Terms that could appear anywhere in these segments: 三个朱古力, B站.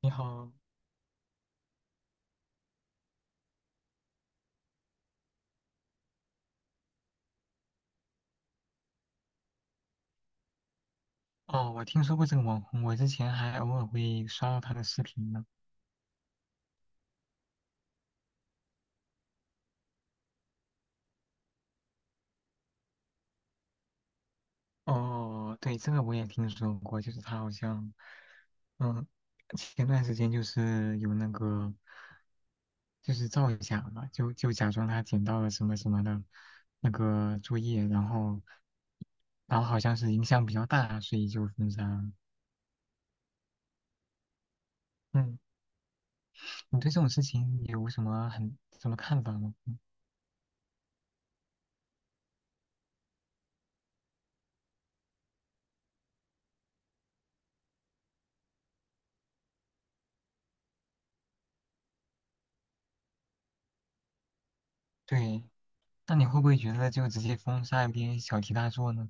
你好。哦，我听说过这个网红，我之前还偶尔会刷到他的视频呢。哦，对，这个我也听说过，就是他好像，嗯，前段时间就是有那个，就是造假嘛，就假装他捡到了什么什么的那个作业，然后，然后好像是影响比较大，所以就封杀了。嗯，你对这种事情有什么很什么看法吗？嗯，对。那你会不会觉得就直接封杀一篇小题大做呢？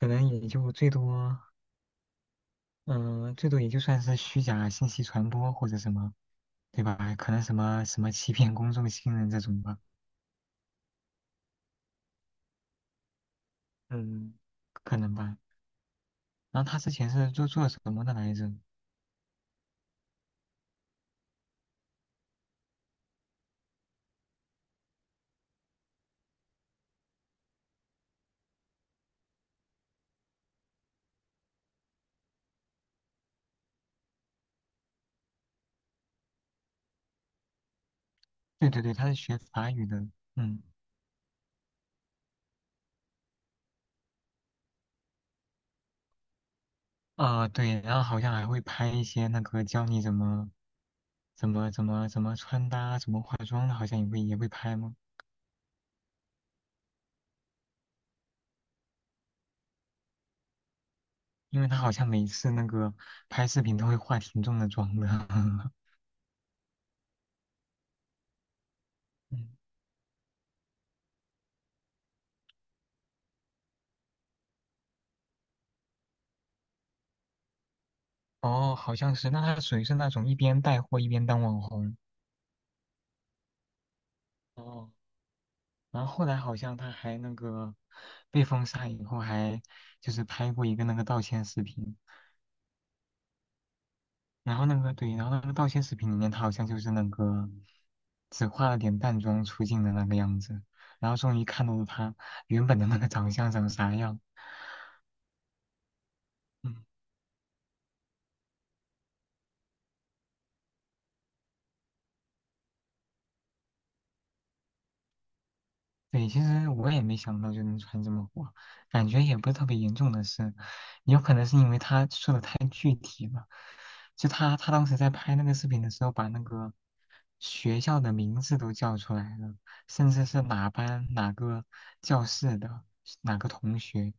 可能也就最多，嗯、最多也就算是虚假信息传播或者什么，对吧？可能什么什么欺骗公众信任这种吧，嗯，可能吧。然后他之前是做什么的来着？对对对，他是学法语的。嗯，啊、对，然后好像还会拍一些那个教你怎么穿搭、怎么化妆的，好像也会拍吗？因为他好像每次那个拍视频都会化挺重的妆的。嗯，哦，好像是，那他属于是那种一边带货一边当网红。哦，然后后来好像他还那个被封杀以后，还就是拍过一个那个道歉视频。然后那个对，然后那个道歉视频里面，他好像就是那个只化了点淡妆出镜的那个样子，然后终于看到了他原本的那个长相长啥样。嗯。对，其实我也没想到就能传这么火，感觉也不是特别严重的事，有可能是因为他说的太具体了。就他当时在拍那个视频的时候，把那个学校的名字都叫出来了，甚至是哪班哪个教室的哪个同学，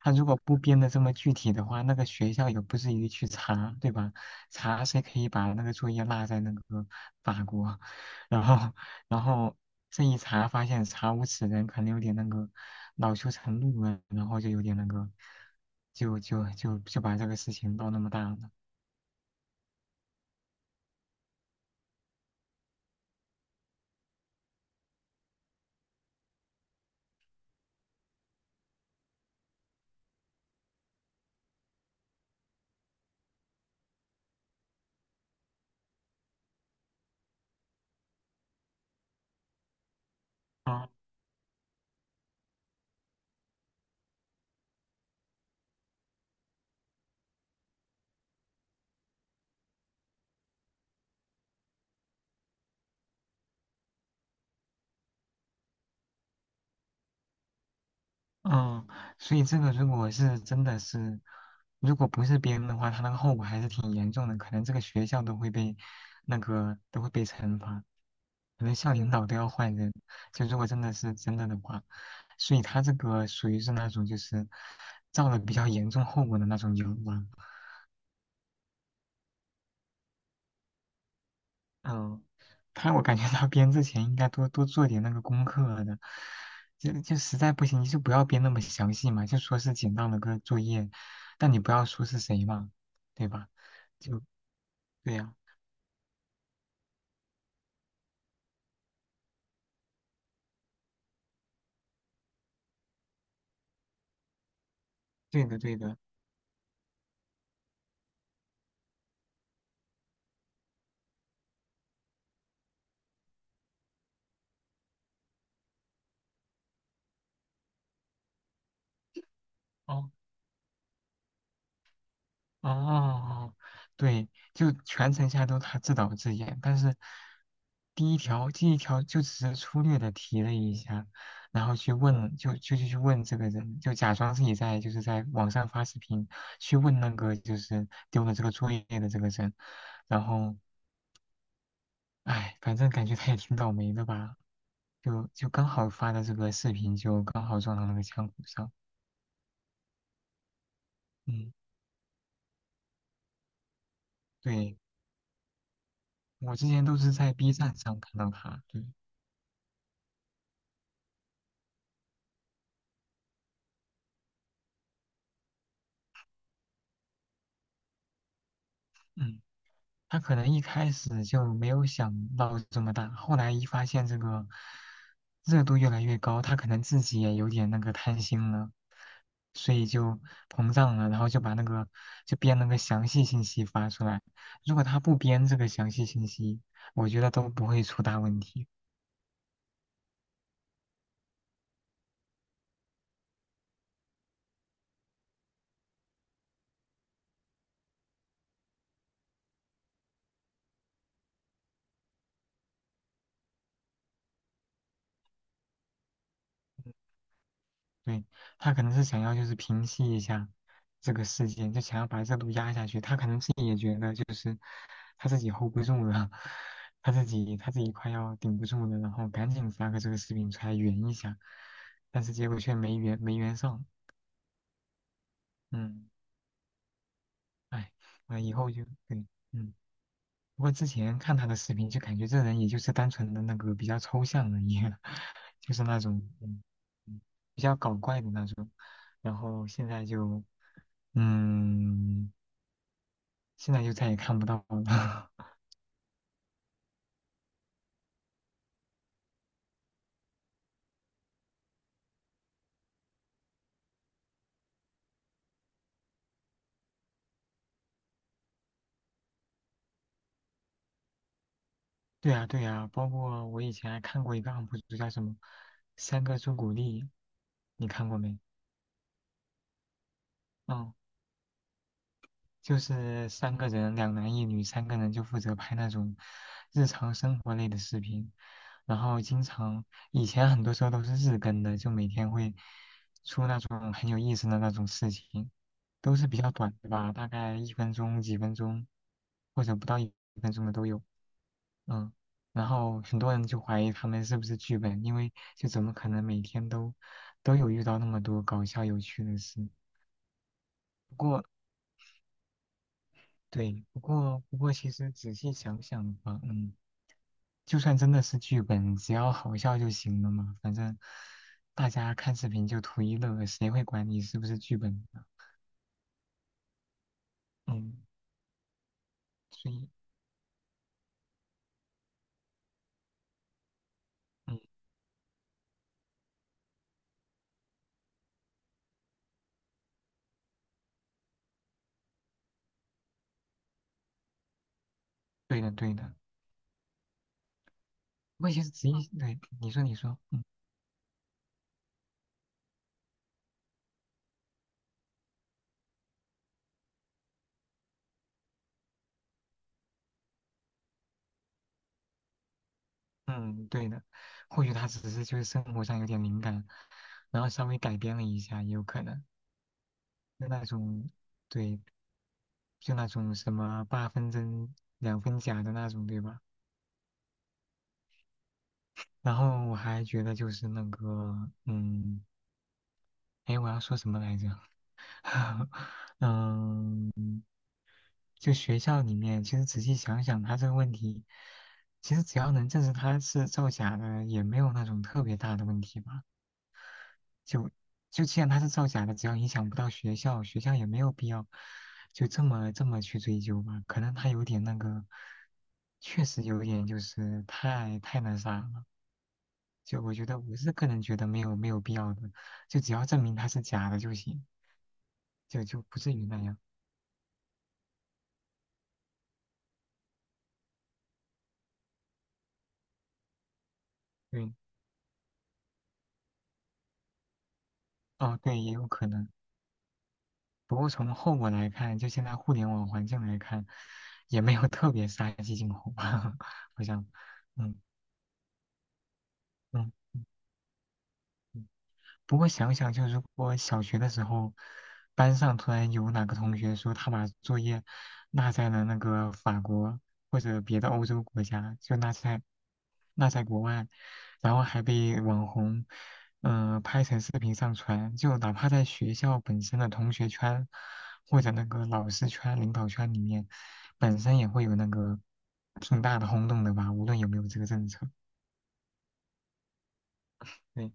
他如果不编的这么具体的话，那个学校也不至于去查，对吧？查谁可以把那个作业落在那个法国，然后，然后这一查发现查无此人，可能有点那个恼羞成怒了，然后就有点那个，就把这个事情闹那么大了。哦，嗯，所以这个如果是真的是，如果不是别人的话，他那个后果还是挺严重的，可能这个学校都会被那个都会被惩罚，可能校领导都要换人。就如果真的是真的的话，所以他这个属于是那种就是造了比较严重后果的那种谣吧。嗯，他我感觉他编之前应该多多做点那个功课的，就实在不行你就不要编那么详细嘛，就说是简到的个作业，但你不要说是谁嘛，对吧？就对呀、对的对的。哦。哦，对，就全程下来都他自导自演，但是第一条就只是粗略的提了一下，然后去问，就去问这个人，就假装自己在就是在网上发视频去问那个就是丢了这个作业的这个人，然后哎，反正感觉他也挺倒霉的吧，就就刚好发的这个视频就刚好撞到那个枪口上，嗯，对，我之前都是在 B 站上看到他，对，嗯。他可能一开始就没有想到这么大，后来一发现这个热度越来越高，他可能自己也有点那个贪心了，所以就膨胀了，然后就把那个就编了个详细信息发出来。如果他不编这个详细信息，我觉得都不会出大问题。对，他可能是想要就是平息一下这个事件，就想要把热度压下去。他可能自己也觉得就是他自己 hold 不住了，他自己快要顶不住了，然后赶紧发个这个视频出来圆一下，但是结果却没圆上。嗯，哎，我以后就对。嗯。不过之前看他的视频，就感觉这人也就是单纯的那个比较抽象的一个，就是那种嗯比较搞怪的那种。然后现在就嗯，现在就再也看不到了。对呀，对呀，包括我以前还看过一个 UP 主叫什么“三个朱古力”，你看过没？嗯，就是三个人，两男一女，三个人就负责拍那种日常生活类的视频，然后经常以前很多时候都是日更的，就每天会出那种很有意思的那种事情，都是比较短的吧，大概一分钟、几分钟，或者不到一分钟的都有。嗯，然后很多人就怀疑他们是不是剧本，因为就怎么可能每天都有遇到那么多搞笑有趣的事？不过，对，不过不过，其实仔细想想吧，嗯，就算真的是剧本，只要好笑就行了嘛，反正大家看视频就图一乐，谁会管你是不是剧本呢？嗯，所以，嗯，对的对的。不过其实仔细，对，你说你说。嗯，对的，或许他只是就是生活上有点敏感，然后稍微改编了一下，也有可能。就那种，对，就那种什么八分真两分假的那种，对吧？然后我还觉得就是那个，哎，我要说什么来着？嗯，就学校里面，其实仔细想想，他这个问题，其实只要能证实他是造假的，也没有那种特别大的问题吧。就就既然它是造假的，只要影响不到学校，学校也没有必要就这么去追究吧。可能他有点那个，确实有点就是太那啥了。就我觉得我是个人觉得没有必要的，就只要证明它是假的就行，就就不至于那样。对，哦对，也有可能。不过从后果来看，就现在互联网环境来看，也没有特别杀鸡儆猴吧，好像，嗯嗯。不过想想，就如果小学的时候，班上突然有哪个同学说他把作业落在了那个法国或者别的欧洲国家，就落在落在国外，然后还被网红拍成视频上传，就哪怕在学校本身的同学圈或者那个老师圈、领导圈里面，本身也会有那个挺大的轰动的吧，无论有没有这个政策。对，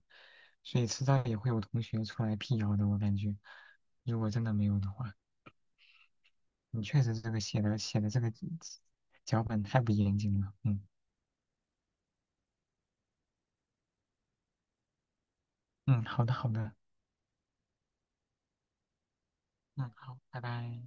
所以迟早也会有同学出来辟谣的，我感觉，如果真的没有的话，你确实这个写的这个脚本太不严谨了，嗯，好的好的，嗯好，拜拜。